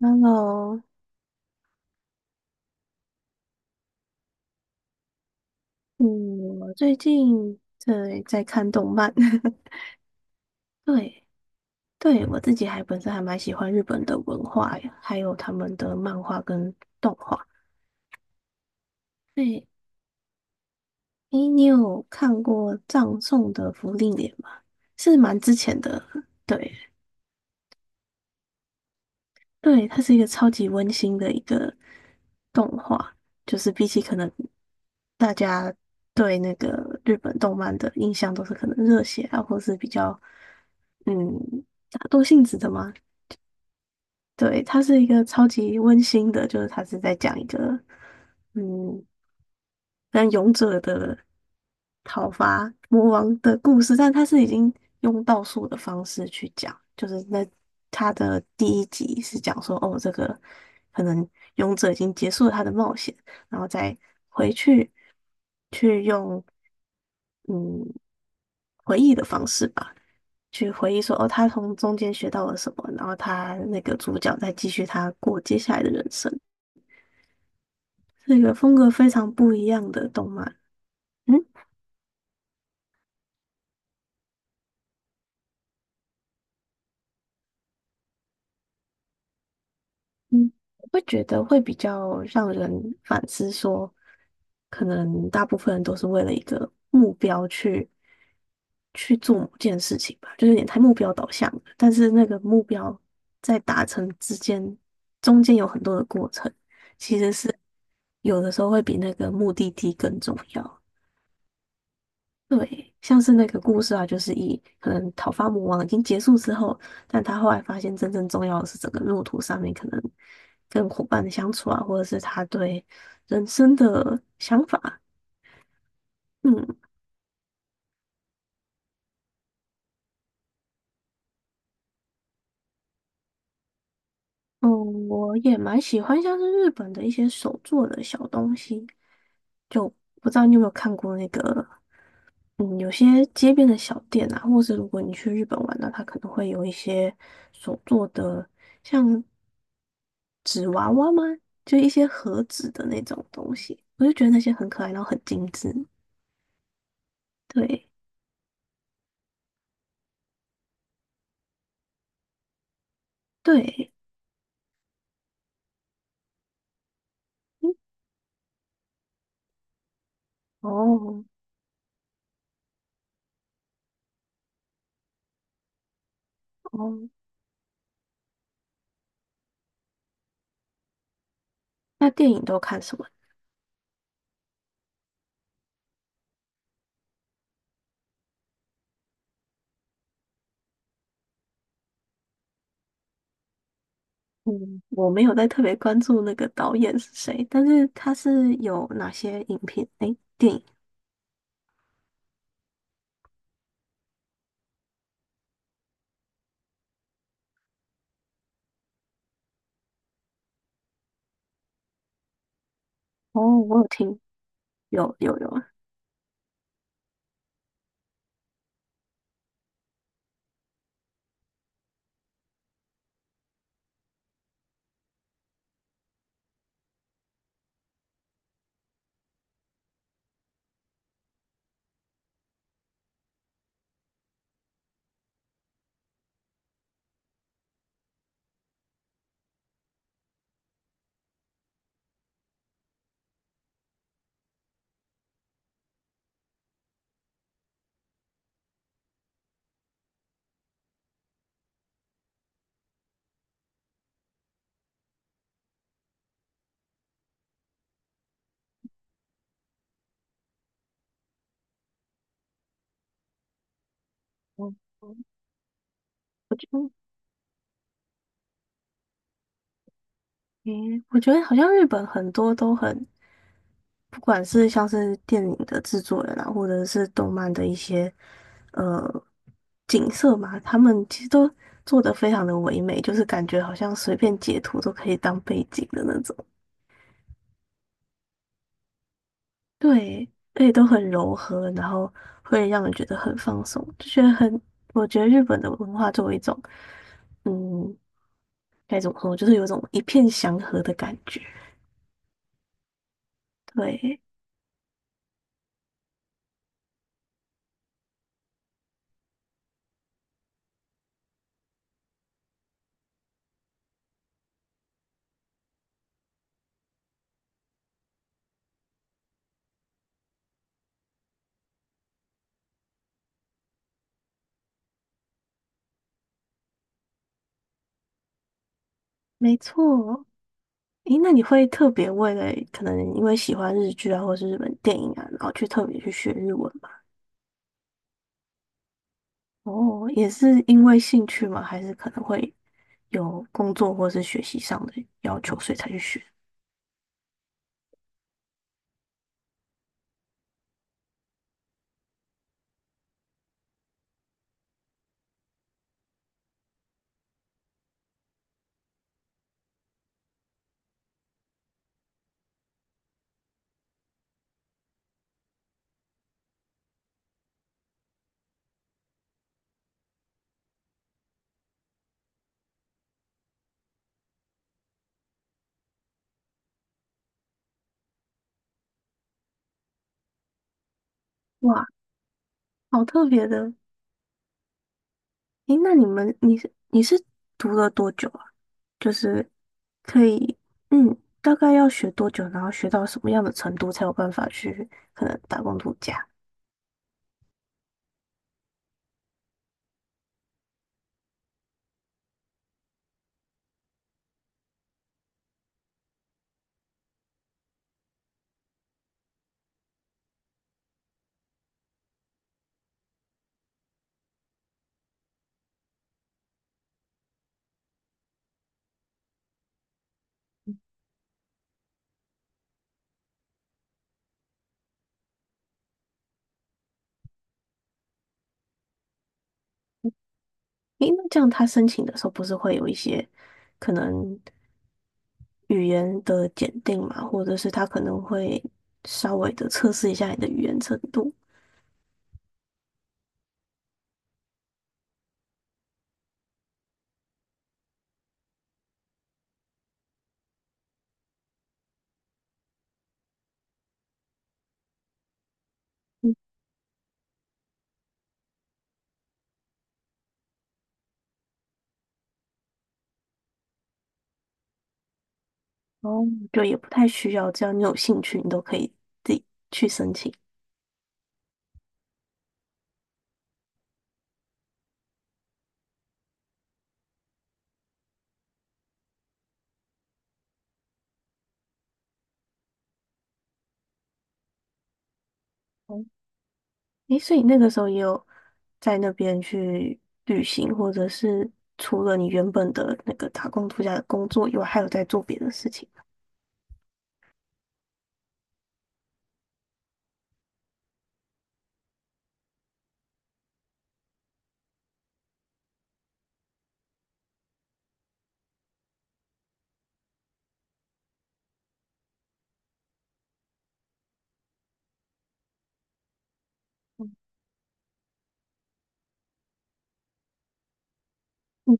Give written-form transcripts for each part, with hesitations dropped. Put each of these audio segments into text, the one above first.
Hello,嗯，我最近在看动漫，对。对，我自己还本身还蛮喜欢日本的文化呀，还有他们的漫画跟动画。对。诶，你有看过葬送的福利莲吗？是蛮之前的。对。对，它是一个超级温馨的一个动画，就是比起可能大家对那个日本动漫的印象都是可能热血啊，或是比较嗯打斗性质的嘛。对，它是一个超级温馨的，就是它是在讲一个嗯，像勇者的讨伐魔王的故事，但它是已经用倒数的方式去讲，就是那它的第一集是讲说，哦，这个可能勇者已经结束了他的冒险，然后再回去去用嗯回忆的方式吧。去回忆说，哦，他从中间学到了什么，然后他那个主角再继续他过接下来的人生，是一个风格非常不一样的动漫。嗯嗯，我会觉得会比较让人反思说，可能大部分人都是为了一个目标去做某件事情吧，就有点太目标导向了。但是那个目标在达成之间，中间有很多的过程，其实是有的时候会比那个目的地更重要。对，像是那个故事啊，就是以可能讨伐魔王已经结束之后，但他后来发现真正重要的是整个路途上面可能跟伙伴的相处啊，或者是他对人生的想法。嗯。嗯，我也蛮喜欢像是日本的一些手做的小东西，就不知道你有没有看过那个有些街边的小店啊，或是如果你去日本玩呢，它可能会有一些手做的，像纸娃娃吗？就一些盒子的那种东西，我就觉得那些很可爱，然后很精致。对。对。嗯哦。哦，那电影都看什么？嗯，我没有在特别关注那个导演是谁，但是他是有哪些影片？诶，电影。哦，我有听，有有有。哦。哦，我觉得嗯，我觉得好像日本很多都很，不管是像是电影的制作人啊，或者是动漫的一些呃景色嘛，他们其实都做的非常的唯美，就是感觉好像随便截图都可以当背景的那种。对，而且都很柔和，然后会让人觉得很放松，就觉得很，我觉得日本的文化作为一种，嗯，该怎么说，就是有种一片祥和的感觉。对。没错。诶，那你会特别为了可能因为喜欢日剧啊，或是日本电影啊，然后去特别去学日文吗？哦，也是因为兴趣吗？还是可能会有工作或是学习上的要求，所以才去学？哇，好特别的！诶，那你是读了多久啊？就是可以，嗯，大概要学多久，然后学到什么样的程度才有办法去可能打工度假？诶，那这样他申请的时候不是会有一些可能？语言的检定嘛，或者是他可能会稍微的测试一下你的语言程度，哦，就也不太需要，只要你有兴趣，你都可以自己去申请。哦。诶，所以那个时候也有在那边去旅行，或者是除了你原本的那个打工度假的工作以外，还有在做别的事情。嗯。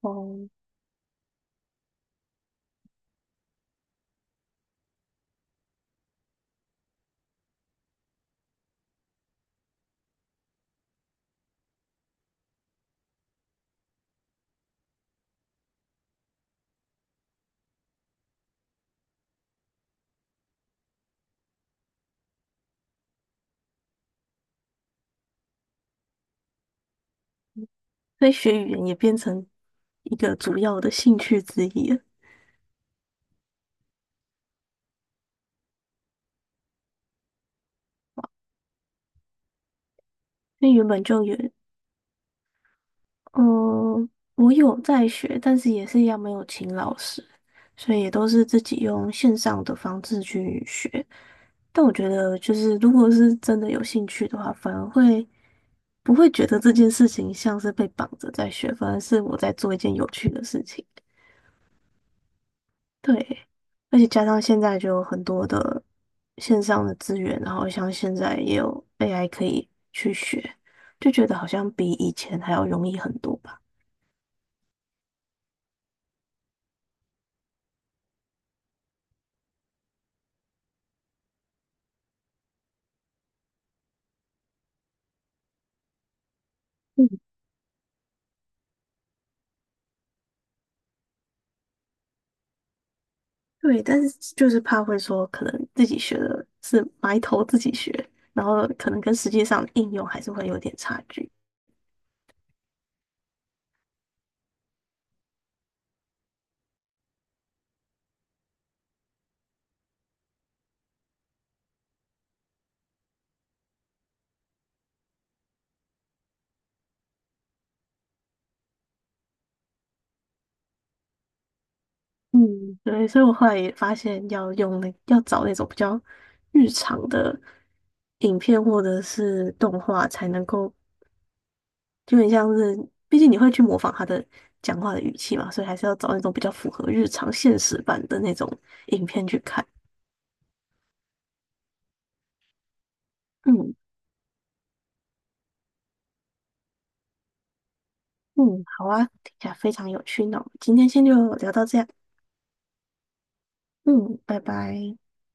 哦，所以学语言也变成一个主要的兴趣之一了，因为原本就有嗯，我有在学，但是也是一样没有请老师，所以也都是自己用线上的方式去学。但我觉得，就是如果是真的有兴趣的话，反而会不会觉得这件事情像是被绑着在学，反而是我在做一件有趣的事情。对，而且加上现在就有很多的线上的资源，然后像现在也有 AI 可以去学，就觉得好像比以前还要容易很多吧。嗯。对，但是就是怕会说，可能自己学的是埋头自己学，然后可能跟实际上应用还是会有点差距。嗯，对，所以我后来也发现要找那种比较日常的影片或者是动画，才能够就很像是，毕竟你会去模仿他的讲话的语气嘛，所以还是要找那种比较符合日常现实版的那种影片去看。嗯。嗯，好啊，听起来非常有趣，那我们今天先就聊到这样。嗯，拜拜。